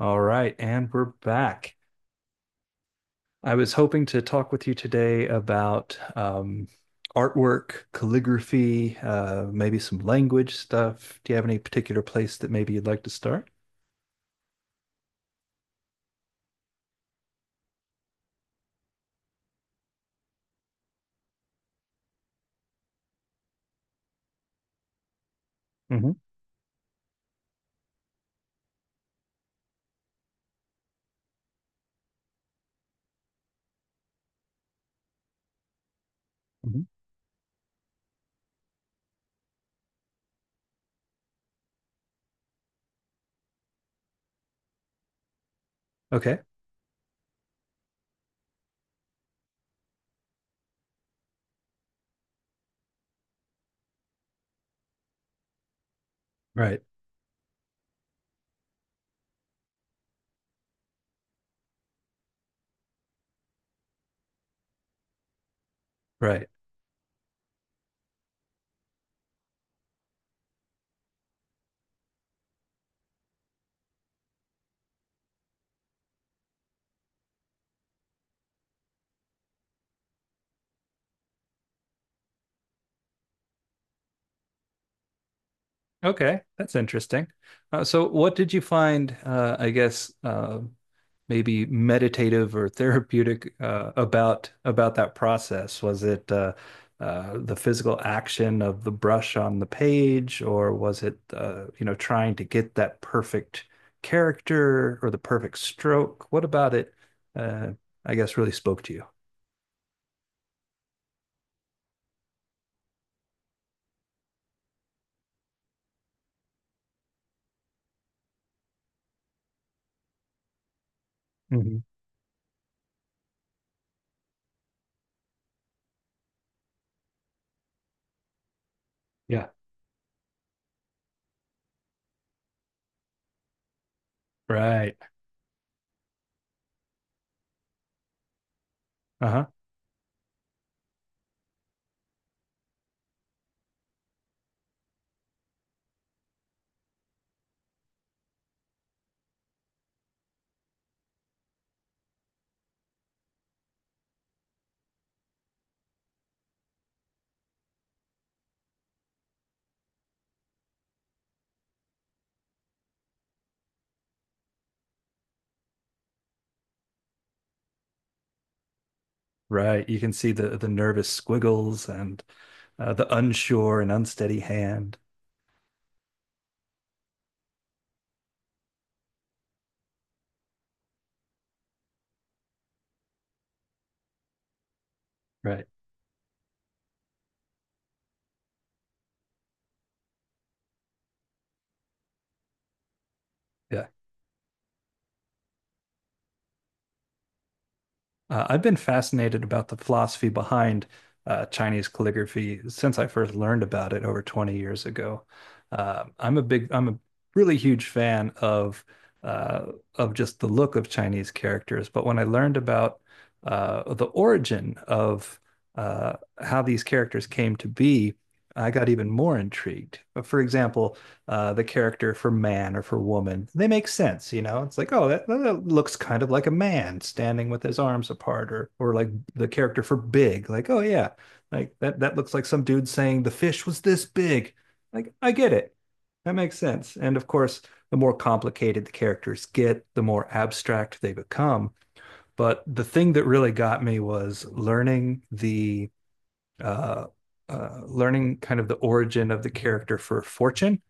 All right, and we're back. I was hoping to talk with you today about artwork, calligraphy, maybe some language stuff. Do you have any particular place that maybe you'd like to start? Hmm hmm Okay, right, right. Okay, that's interesting. So, what did you find, I guess, maybe meditative or therapeutic about that process? Was it the physical action of the brush on the page, or was it you know trying to get that perfect character or the perfect stroke? What about it? Uh, I guess really spoke to you. Mhm. Yeah. Right. Uh-huh. Right. You can see the nervous squiggles and the unsure and unsteady hand. Right. Yeah. I've been fascinated about the philosophy behind Chinese calligraphy since I first learned about it over 20 years ago. I'm a really huge fan of just the look of Chinese characters. But when I learned about the origin of uh, how these characters came to be, I got even more intrigued. For example, the character for man or for woman. They make sense, you know. It's like, oh, that looks kind of like a man standing with his arms apart, or like the character for big, like, oh yeah, like that looks like some dude saying the fish was this big. Like, I get it. That makes sense. And of course, the more complicated the characters get, the more abstract they become. But the thing that really got me was learning the uh, learning kind of the origin of the character for fortune.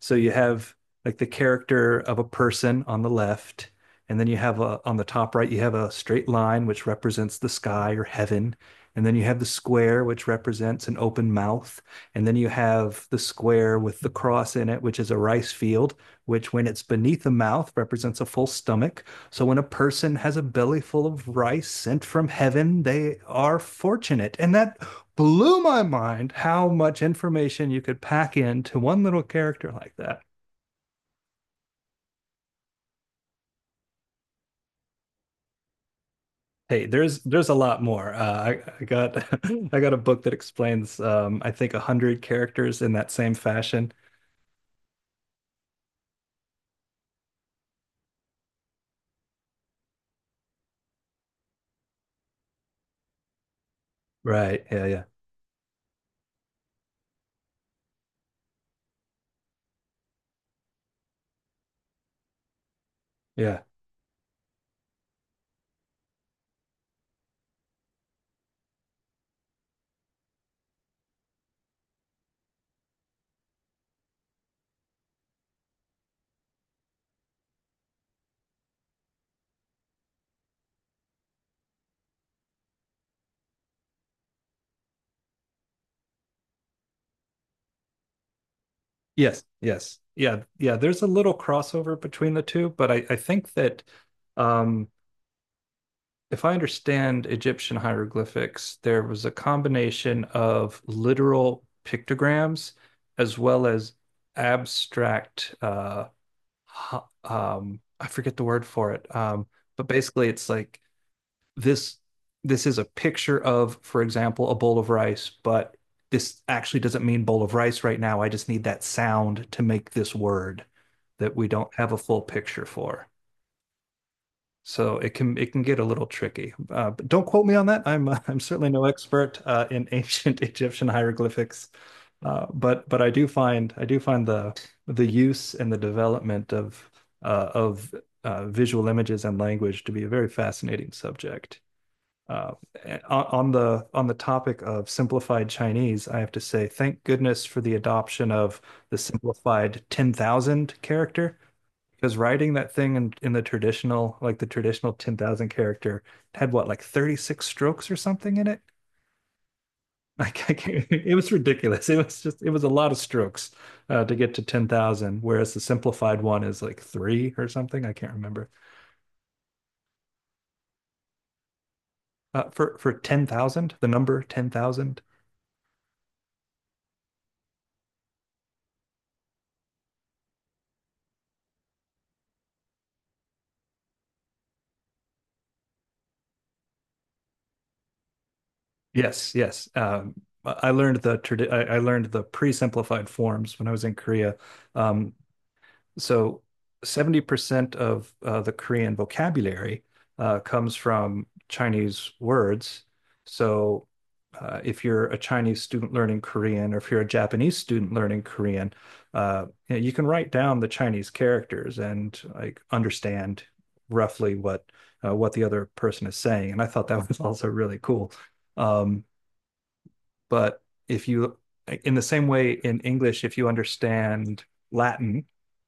So you have like the character of a person on the left, and then you have on the top right, you have a straight line which represents the sky or heaven. And then you have the square, which represents an open mouth. And then you have the square with the cross in it, which is a rice field, which, when it's beneath the mouth, represents a full stomach. So, when a person has a belly full of rice sent from heaven, they are fortunate. And that blew my mind how much information you could pack into one little character like that. Hey, there's a lot more. I got I got a book that explains I think a hundred characters in that same fashion. Right. Yeah. Yeah. Yeah. Yes. Yes. Yeah. Yeah. There's a little crossover between the two, but I think that um, if I understand Egyptian hieroglyphics, there was a combination of literal pictograms as well as abstract I forget the word for it. But basically it's like this this is a picture of, for example, a bowl of rice, but this actually doesn't mean bowl of rice right now. I just need that sound to make this word that we don't have a full picture for. So it can get a little tricky. But don't quote me on that. I'm I'm certainly no expert in ancient Egyptian hieroglyphics, but I do find the use and the development of uh, of visual images and language to be a very fascinating subject. Uh, on the on the topic of simplified Chinese, I have to say thank goodness for the adoption of the simplified 10,000 character because writing that thing in the traditional, like the traditional 10,000 character had what, like 36 strokes or something in it? Like, I can't, it was ridiculous. It was just, it was a lot of strokes to get to 10,000, whereas the simplified one is like three or something. I can't remember. For 10,000, the number 10,000. Yes, yes. I learned the I learned the pre-simplified forms when I was in Korea. Um, So 70% of the Korean vocabulary comes from Chinese words. So if you're a Chinese student learning Korean, or if you're a Japanese student learning Korean, you know, you can write down the Chinese characters and like understand roughly what the other person is saying. And I thought that was also really cool. Um, but if you, in the same way in English, if you understand Latin,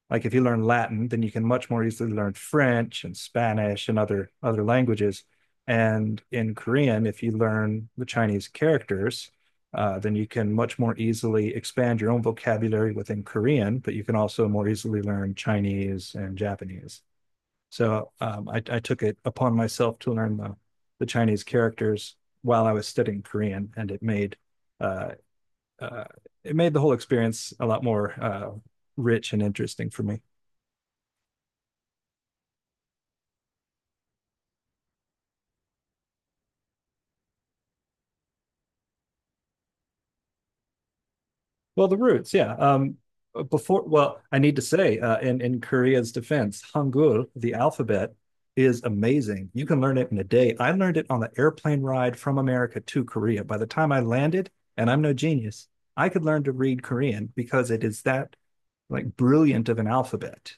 like if you learn Latin, then you can much more easily learn French and Spanish and other languages. And in Korean, if you learn the Chinese characters, then you can much more easily expand your own vocabulary within Korean, but you can also more easily learn Chinese and Japanese. So I took it upon myself to learn the Chinese characters while I was studying Korean, and uh, uh, it made the whole experience a lot more rich and interesting for me. Well, the roots, yeah. I need to say, in Korea's defense, Hangul, the alphabet, is amazing. You can learn it in a day. I learned it on the airplane ride from America to Korea. By the time I landed, and I'm no genius, I could learn to read Korean because it is that like brilliant of an alphabet.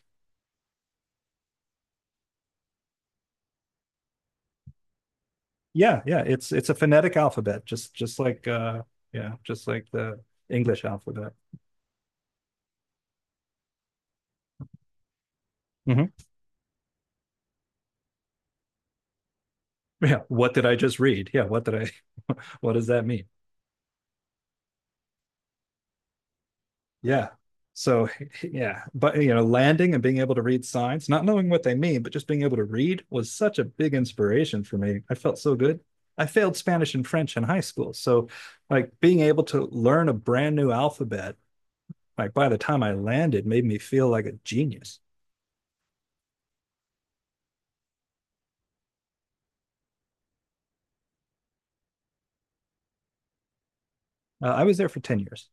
Yeah, yeah, it's a phonetic alphabet, just like yeah, just like the English alphabet. Hmm Yeah, what did I just read? Yeah, what did I what does that mean? Yeah. So yeah, but you know, landing and being able to read signs, not knowing what they mean, but just being able to read was such a big inspiration for me. I felt so good. I failed Spanish and French in high school. So like being able to learn a brand new alphabet, like by the time I landed made me feel like a genius. I was there for 10 years.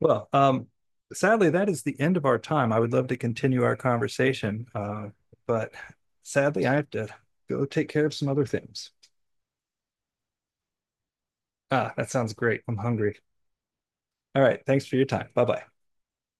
Well, um, sadly, that is the end of our time. I would love to continue our conversation, but sadly, I have to go take care of some other things. Ah, that sounds great. I'm hungry. All right. Thanks for your time. Bye bye.